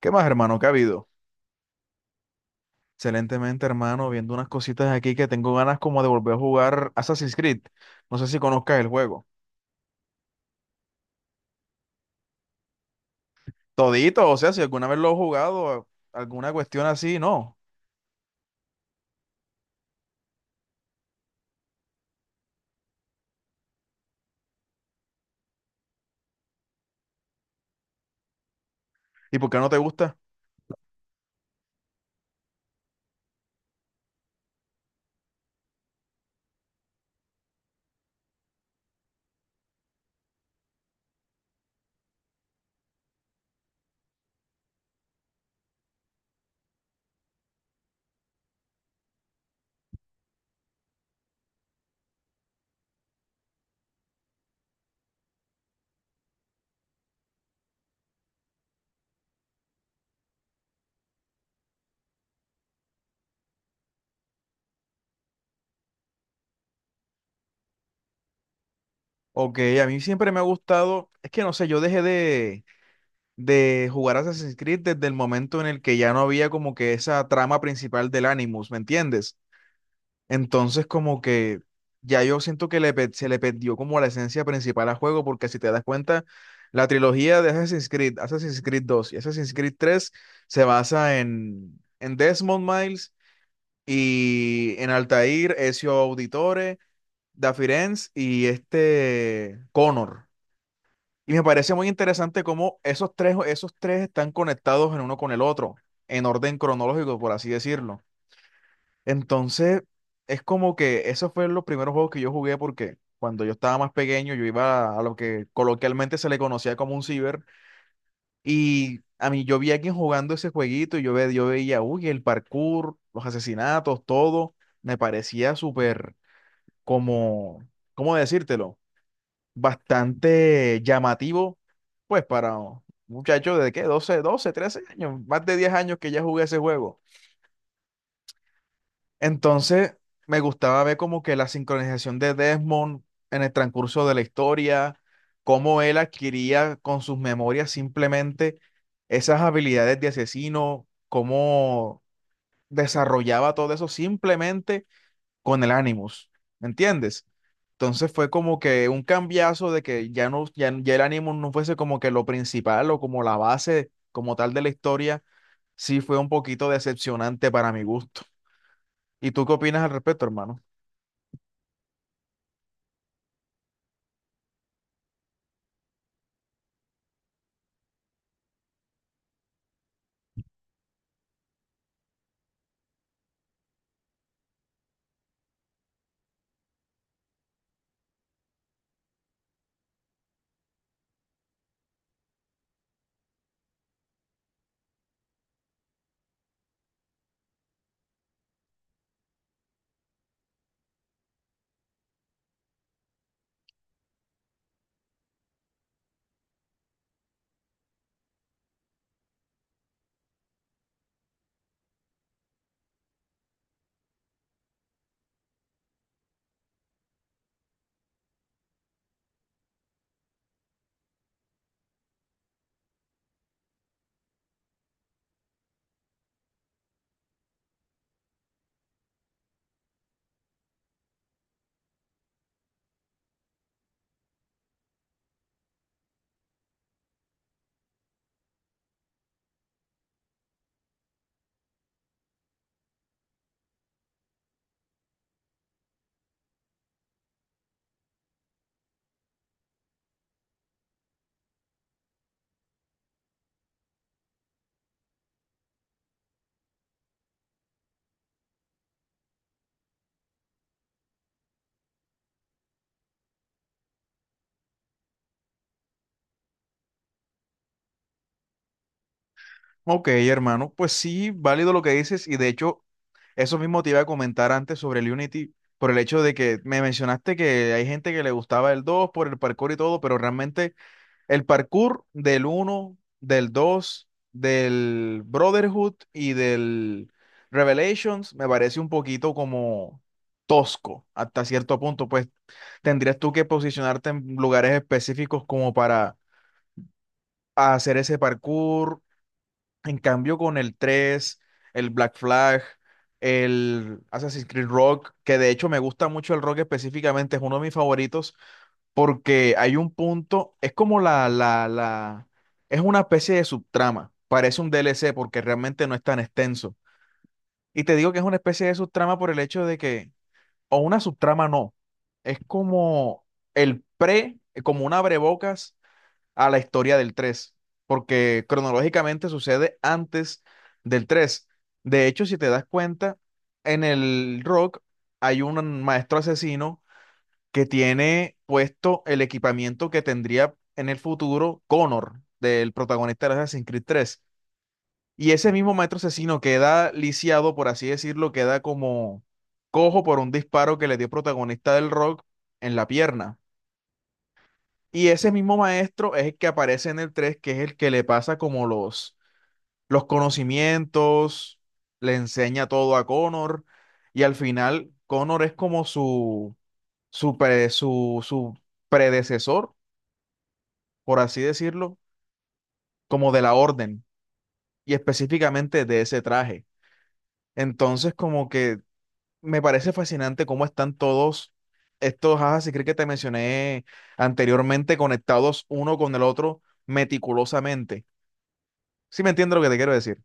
¿Qué más, hermano? ¿Qué ha habido? Excelentemente, hermano, viendo unas cositas aquí que tengo ganas como de volver a jugar Assassin's Creed. No sé si conozcas el juego. Todito, o sea, si alguna vez lo has jugado, alguna cuestión así, no. ¿Y por qué no te gusta? Ok, a mí siempre me ha gustado, es que no sé, yo dejé de jugar Assassin's Creed desde el momento en el que ya no había como que esa trama principal del Animus, ¿me entiendes? Entonces, como que ya yo siento que se le perdió como la esencia principal al juego, porque si te das cuenta, la trilogía de Assassin's Creed, Assassin's Creed dos y Assassin's Creed tres se basa en Desmond Miles y en Altair, Ezio Auditore, Da Firenze y este Connor. Y me parece muy interesante cómo esos tres están conectados en uno con el otro, en orden cronológico, por así decirlo. Entonces, es como que esos fueron los primeros juegos que yo jugué porque cuando yo estaba más pequeño yo iba a lo que coloquialmente se le conocía como un ciber y a mí yo vi a alguien jugando ese jueguito y yo, ve, yo veía, uy, el parkour, los asesinatos, todo, me parecía súper como, ¿cómo decírtelo? Bastante llamativo, pues para un muchacho de qué, doce 13 años, más de 10 años que ya jugué ese juego. Entonces, me gustaba ver como que la sincronización de Desmond en el transcurso de la historia, cómo él adquiría con sus memorias simplemente esas habilidades de asesino, cómo desarrollaba todo eso simplemente con el Animus, ¿me entiendes? Entonces fue como que un cambiazo de que ya el Animus no fuese como que lo principal o como la base como tal de la historia, sí fue un poquito decepcionante para mi gusto. ¿Y tú qué opinas al respecto, hermano? Ok, hermano, pues sí, válido lo que dices y de hecho eso mismo te iba a comentar antes sobre el Unity por el hecho de que me mencionaste que hay gente que le gustaba el dos por el parkour y todo, pero realmente el parkour del uno, del 2, del Brotherhood y del Revelations me parece un poquito como tosco hasta cierto punto, pues tendrías tú que posicionarte en lugares específicos como para hacer ese parkour, en cambio, con el tres, el Black Flag, el Assassin's Creed Rock, que de hecho me gusta mucho el rock específicamente, es uno de mis favoritos, porque hay un punto, es como es una especie de subtrama, parece un DLC porque realmente no es tan extenso. Y te digo que es una especie de subtrama por el hecho de que, o una subtrama no, es como el pre, como un abrebocas a la historia del 3 porque cronológicamente sucede antes del tres. De hecho, si te das cuenta, en el rock hay un maestro asesino que tiene puesto el equipamiento que tendría en el futuro Connor, del protagonista de Assassin's Creed tres. Y ese mismo maestro asesino queda lisiado, por así decirlo, queda como cojo por un disparo que le dio el protagonista del rock en la pierna. Y ese mismo maestro es el que aparece en el 3 que es el que le pasa como los conocimientos, le enseña todo a Connor, y al final Connor es como su predecesor, por así decirlo, como de la orden, y específicamente de ese traje. Entonces, como que me parece fascinante cómo están todos estos Assassin's Creed que te mencioné anteriormente conectados uno con el otro meticulosamente. Sí me entiendo lo que te quiero decir.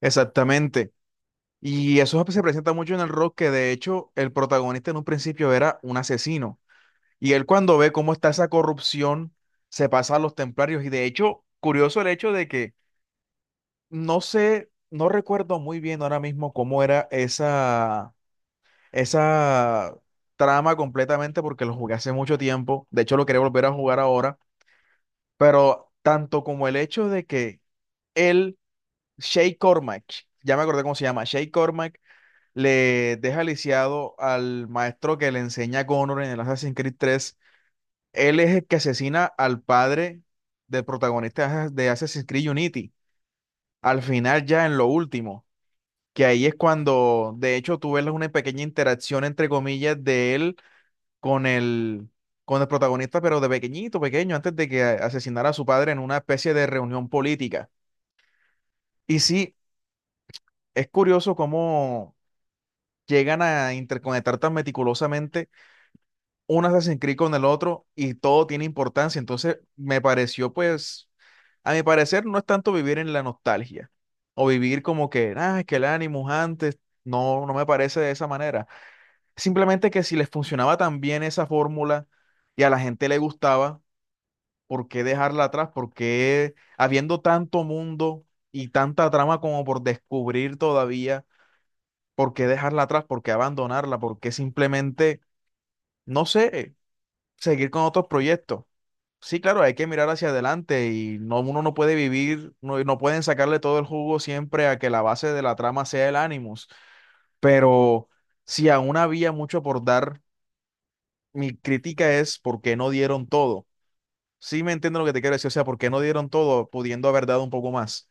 Exactamente. Y eso se presenta mucho en el rock, que de hecho el protagonista en un principio era un asesino. Y él cuando ve cómo está esa corrupción, se pasa a los templarios. Y de hecho, curioso el hecho de que no sé, no recuerdo muy bien ahora mismo cómo era esa trama completamente, porque lo jugué hace mucho tiempo. De hecho, lo quería volver a jugar ahora. Pero tanto como el hecho de que él Shay Cormac, ya me acordé cómo se llama, Shay Cormac le deja lisiado al maestro que le enseña a Connor en el Assassin's Creed 3. Él es el que asesina al padre del protagonista de Assassin's Creed Unity, al final ya en lo último, que ahí es cuando de hecho tú ves una pequeña interacción entre comillas de él con el, con el protagonista, pero de pequeñito, pequeño, antes de que asesinara a su padre en una especie de reunión política. Y sí, es curioso cómo llegan a interconectar tan meticulosamente un Assassin's Creed con el otro y todo tiene importancia. Entonces, me pareció, pues, a mi parecer, no es tanto vivir en la nostalgia o vivir como que, ah, es que el Animus antes, no, no me parece de esa manera. Simplemente que si les funcionaba tan bien esa fórmula y a la gente le gustaba, ¿por qué dejarla atrás? ¿Por qué habiendo tanto mundo y tanta trama como por descubrir todavía? ¿Por qué dejarla atrás? ¿Por qué abandonarla? ¿Por qué simplemente no sé, seguir con otros proyectos? Sí, claro, hay que mirar hacia adelante y no, uno no puede vivir, no, no pueden sacarle todo el jugo siempre a que la base de la trama sea el Animus, pero si aún había mucho por dar, mi crítica es por qué no dieron todo. Sí me entiendo lo que te quiero decir, o sea, por qué no dieron todo, pudiendo haber dado un poco más.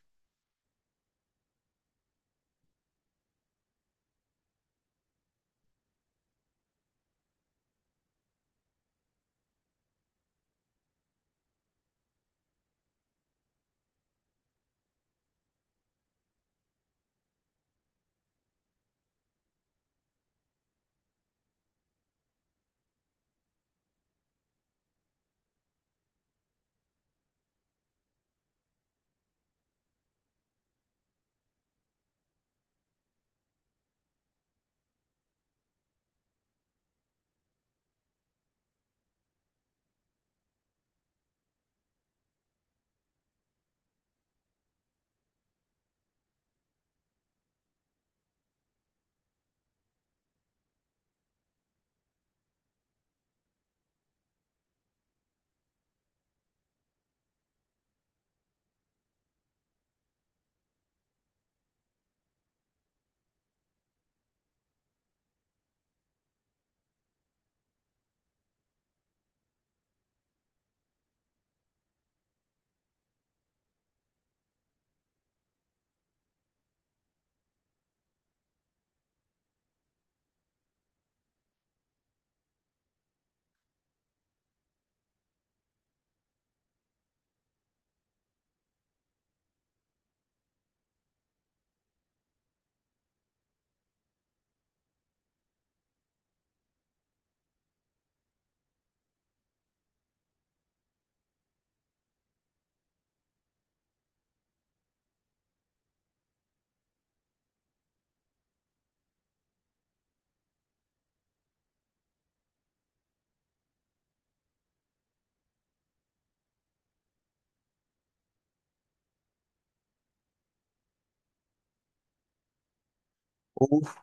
Uf,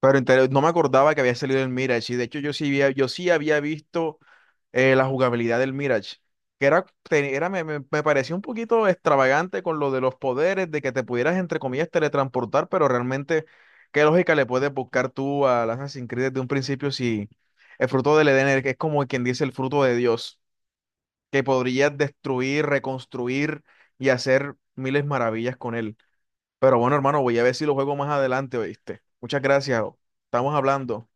pero inter- no me acordaba que había salido el Mirage y de hecho yo sí había visto la jugabilidad del Mirage, que era, me parecía un poquito extravagante con lo de los poderes, de que te pudieras, entre comillas, teletransportar, pero realmente, ¿qué lógica le puedes buscar tú al Assassin's Creed desde un principio si el fruto del Edén es como quien dice el fruto de Dios, que podrías destruir, reconstruir y hacer miles maravillas con él? Pero bueno, hermano, voy a ver si lo juego más adelante, ¿oíste? Muchas gracias, estamos hablando.